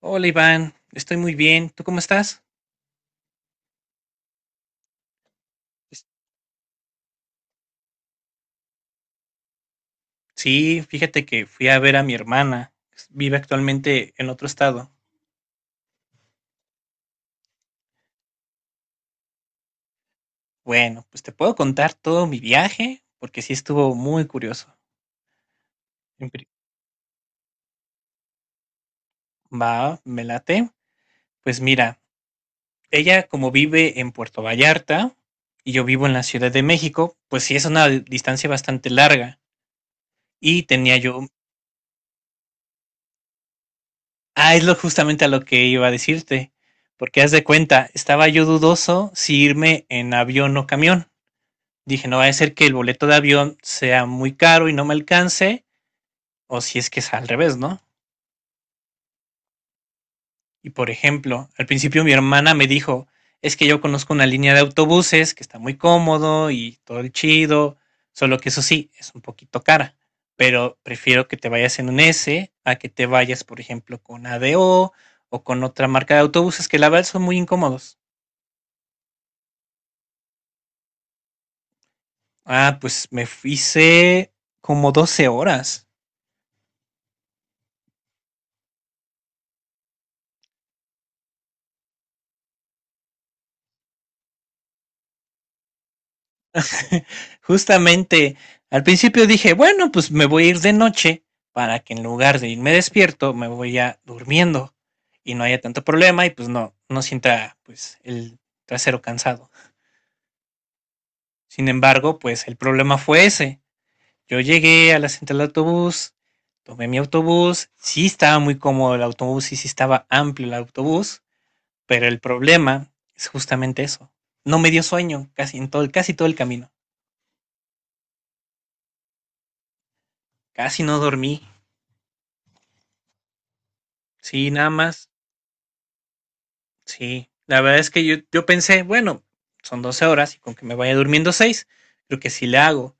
Hola Iván, estoy muy bien. ¿Tú cómo estás? Es- Sí, fíjate que fui a ver a mi hermana. Vive actualmente en otro estado. Bueno, pues te puedo contar todo mi viaje porque sí estuvo muy curioso. En pri- Va, me late. Pues mira, ella como vive en Puerto Vallarta y yo vivo en la Ciudad de México, pues sí es una distancia bastante larga. Y tenía yo... Ah, es lo justamente a lo que iba a decirte. Porque haz de cuenta, estaba yo dudoso si irme en avión o camión. Dije, no va a ser que el boleto de avión sea muy caro y no me alcance, o si es que es al revés, ¿no? Y por ejemplo, al principio mi hermana me dijo, es que yo conozco una línea de autobuses que está muy cómodo y todo el chido, solo que eso sí, es un poquito cara, pero prefiero que te vayas en un S a que te vayas, por ejemplo, con ADO o con otra marca de autobuses que la verdad son muy incómodos. Ah, pues me hice como 12 horas. Justamente, al principio dije, bueno, pues me voy a ir de noche para que en lugar de irme despierto, me voy a durmiendo y no haya tanto problema y pues no sienta pues el trasero cansado. Sin embargo, pues el problema fue ese. Yo llegué a la central de autobús, tomé mi autobús, sí estaba muy cómodo el autobús y sí estaba amplio el autobús, pero el problema es justamente eso. No me dio sueño casi en todo, casi todo el camino. Casi no dormí. Sí, nada más. Sí, la verdad es que yo pensé, bueno, son 12 horas y con que me vaya durmiendo seis creo que sí le hago,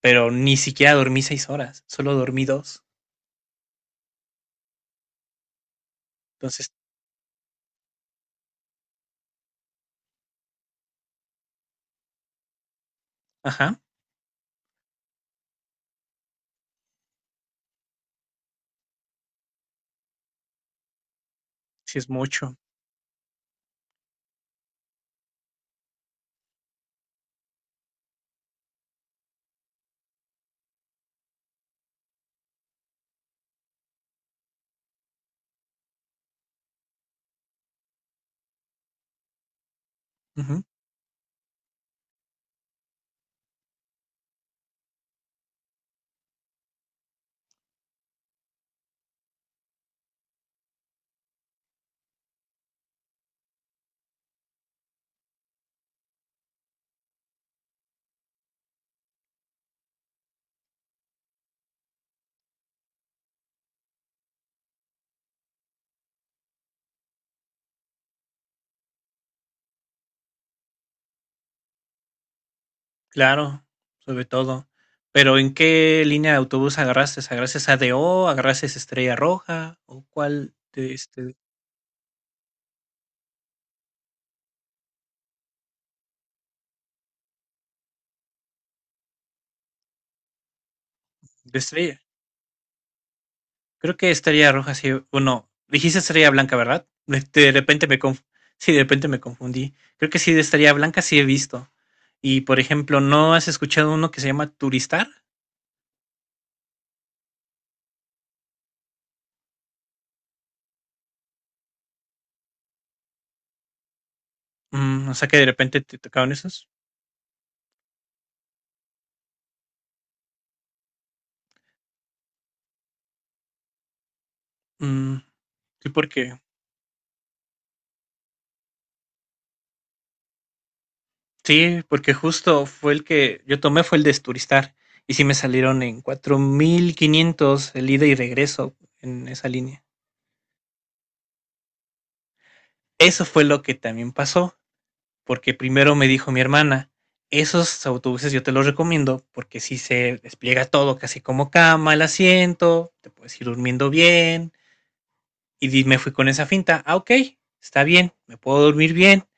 pero ni siquiera dormí 6 horas, solo dormí dos. Entonces, ajá, sí es mucho. Ujú, claro, sobre todo. Pero ¿en qué línea de autobús agarraste? ¿Agarraste ADO? ¿Agarraste Estrella Roja? ¿O cuál de, de Estrella? Creo que estaría Roja, sí. Bueno, dijiste Estrella Blanca, ¿verdad? De repente sí, de repente me confundí. Creo que sí, de Estrella Blanca sí he visto. Y por ejemplo, ¿no has escuchado uno que se llama Turistar? O sea que de repente te tocaron esos. Mm, sí, porque. Sí, porque justo fue el que yo tomé, fue el de Turistar. Y sí me salieron en 4500 el ida y regreso en esa línea. Eso fue lo que también pasó, porque primero me dijo mi hermana, esos autobuses yo te los recomiendo porque si se despliega todo, casi como cama, el asiento, te puedes ir durmiendo bien. Y me fui con esa finta, ah, ok, está bien, me puedo dormir bien,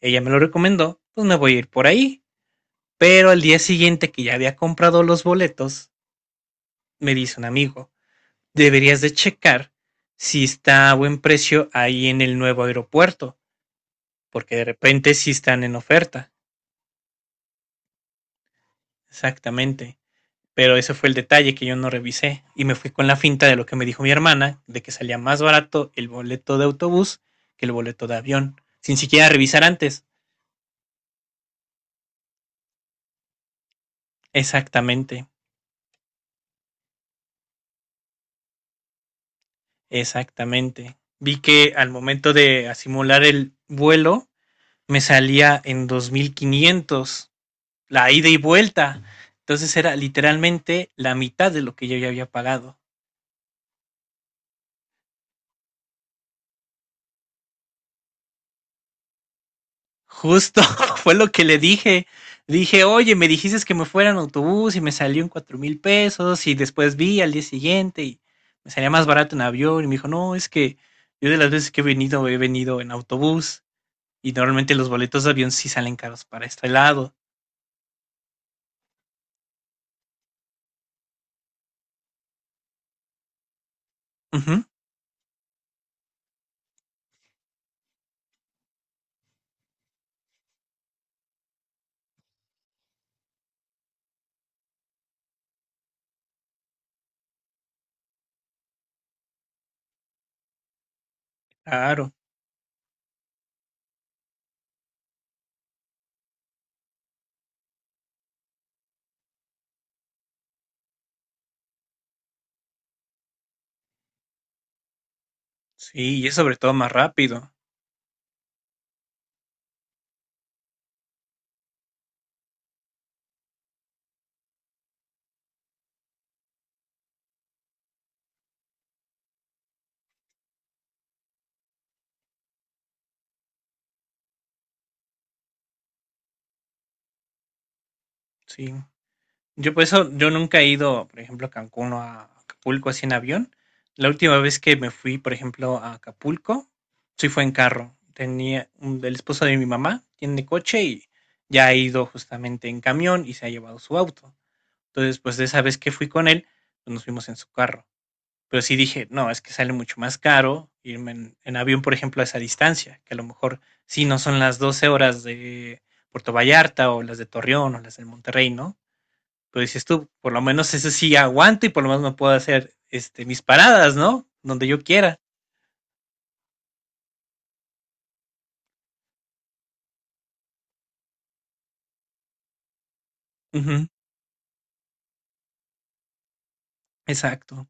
ella me lo recomendó, pues me voy a ir por ahí. Pero al día siguiente que ya había comprado los boletos, me dice un amigo, deberías de checar si está a buen precio ahí en el nuevo aeropuerto, porque de repente sí están en oferta. Exactamente. Pero ese fue el detalle que yo no revisé y me fui con la finta de lo que me dijo mi hermana, de que salía más barato el boleto de autobús que el boleto de avión, sin siquiera revisar antes. Exactamente, exactamente. Vi que al momento de simular el vuelo me salía en 2500 la ida y vuelta. Entonces era literalmente la mitad de lo que yo ya había pagado. Justo fue lo que le dije. Dije, oye, me dijiste que me fuera en autobús y me salió en 4000 pesos y después vi al día siguiente y me salía más barato en avión y me dijo, no, es que yo de las veces que he venido en autobús y normalmente los boletos de avión sí salen caros para este lado. Ujú, claro, sí, y es sobre todo más rápido, sí. Yo por eso, yo nunca he ido, por ejemplo, a Cancún o a Acapulco así en avión. La última vez que me fui, por ejemplo, a Acapulco, sí fue en carro. Tenía un, el esposo de mi mamá, tiene coche y ya ha ido justamente en camión y se ha llevado su auto. Entonces, pues de esa vez que fui con él, pues nos fuimos en su carro. Pero sí dije, no, es que sale mucho más caro irme en avión, por ejemplo, a esa distancia, que a lo mejor sí no son las 12 horas de Puerto Vallarta o las de Torreón o las de Monterrey, ¿no? Pero dices tú, por lo menos eso sí aguanto y por lo menos me puedo hacer mis paradas, ¿no? Donde yo quiera. Ujú, exacto,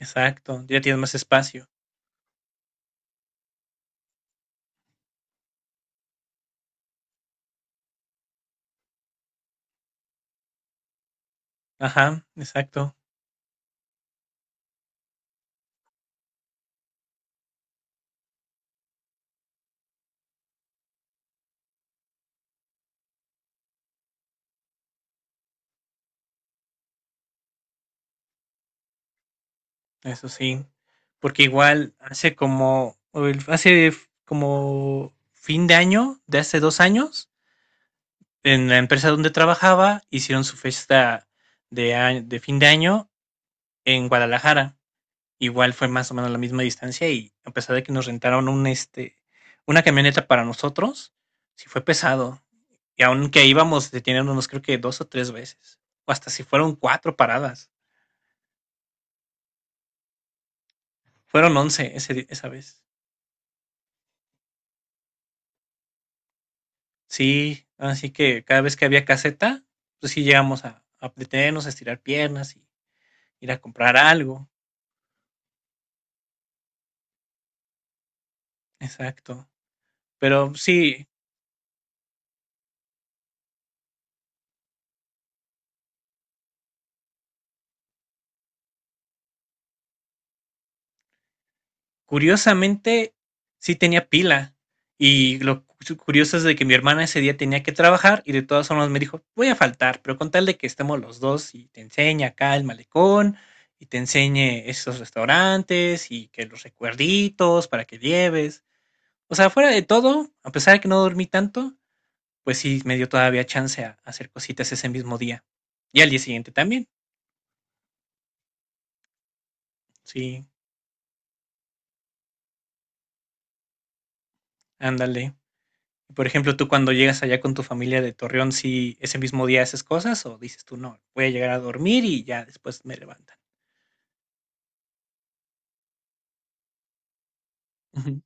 exacto. Ya tienes más espacio. Ajá, exacto. Eso sí. Porque igual hace como, o el- hace f- como fin de año, de hace 2 años, en la empresa donde trabajaba, hicieron su fiesta de fin de año en Guadalajara. Igual fue más o menos la misma distancia y a pesar de que nos rentaron una camioneta para nosotros, sí fue pesado. Y aunque íbamos deteniéndonos creo que 2 o 3 veces, o hasta si fueron cuatro paradas, fueron 11 esa vez. Sí, así que cada vez que había caseta, pues sí llegamos a detenernos, a estirar piernas y ir a comprar algo. Exacto. Pero sí. Curiosamente, sí tenía pila. Y lo curioso es de que mi hermana ese día tenía que trabajar y de todas formas me dijo, voy a faltar, pero con tal de que estemos los dos y te enseñe acá el malecón y te enseñe esos restaurantes y que los recuerditos para que lleves. O sea, fuera de todo, a pesar de que no dormí tanto, pues sí me dio todavía chance a hacer cositas ese mismo día. Y al día siguiente también. Sí, ándale. Por ejemplo, tú cuando llegas allá con tu familia de Torreón, ¿sí ese mismo día haces cosas o dices tú no, voy a llegar a dormir y ya después me levantan? Ujú,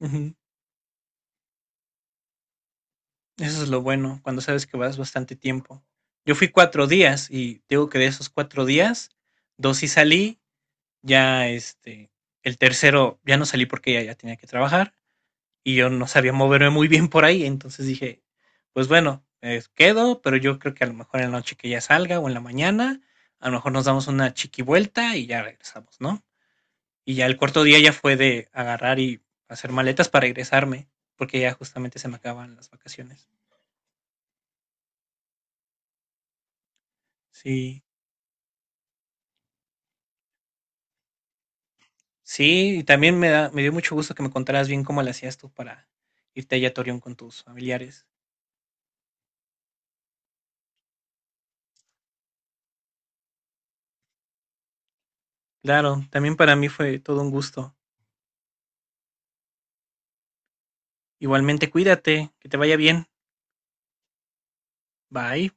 ujú. Eso es lo bueno, cuando sabes que vas bastante tiempo. Yo fui 4 días y digo que de esos 4 días, dos sí salí, ya el tercero ya no salí porque ya tenía que trabajar y yo no sabía moverme muy bien por ahí, entonces dije, pues bueno, quedo, pero yo creo que a lo mejor en la noche que ya salga o en la mañana, a lo mejor nos damos una chiqui vuelta y ya regresamos, ¿no? Y ya el cuarto día ya fue de agarrar y hacer maletas para regresarme, porque ya justamente se me acaban las vacaciones. Sí, sí, y también me dio mucho gusto que me contaras bien cómo le hacías tú para irte allá a Torreón con tus familiares. Claro, también para mí fue todo un gusto. Igualmente cuídate, que te vaya bien. Bye.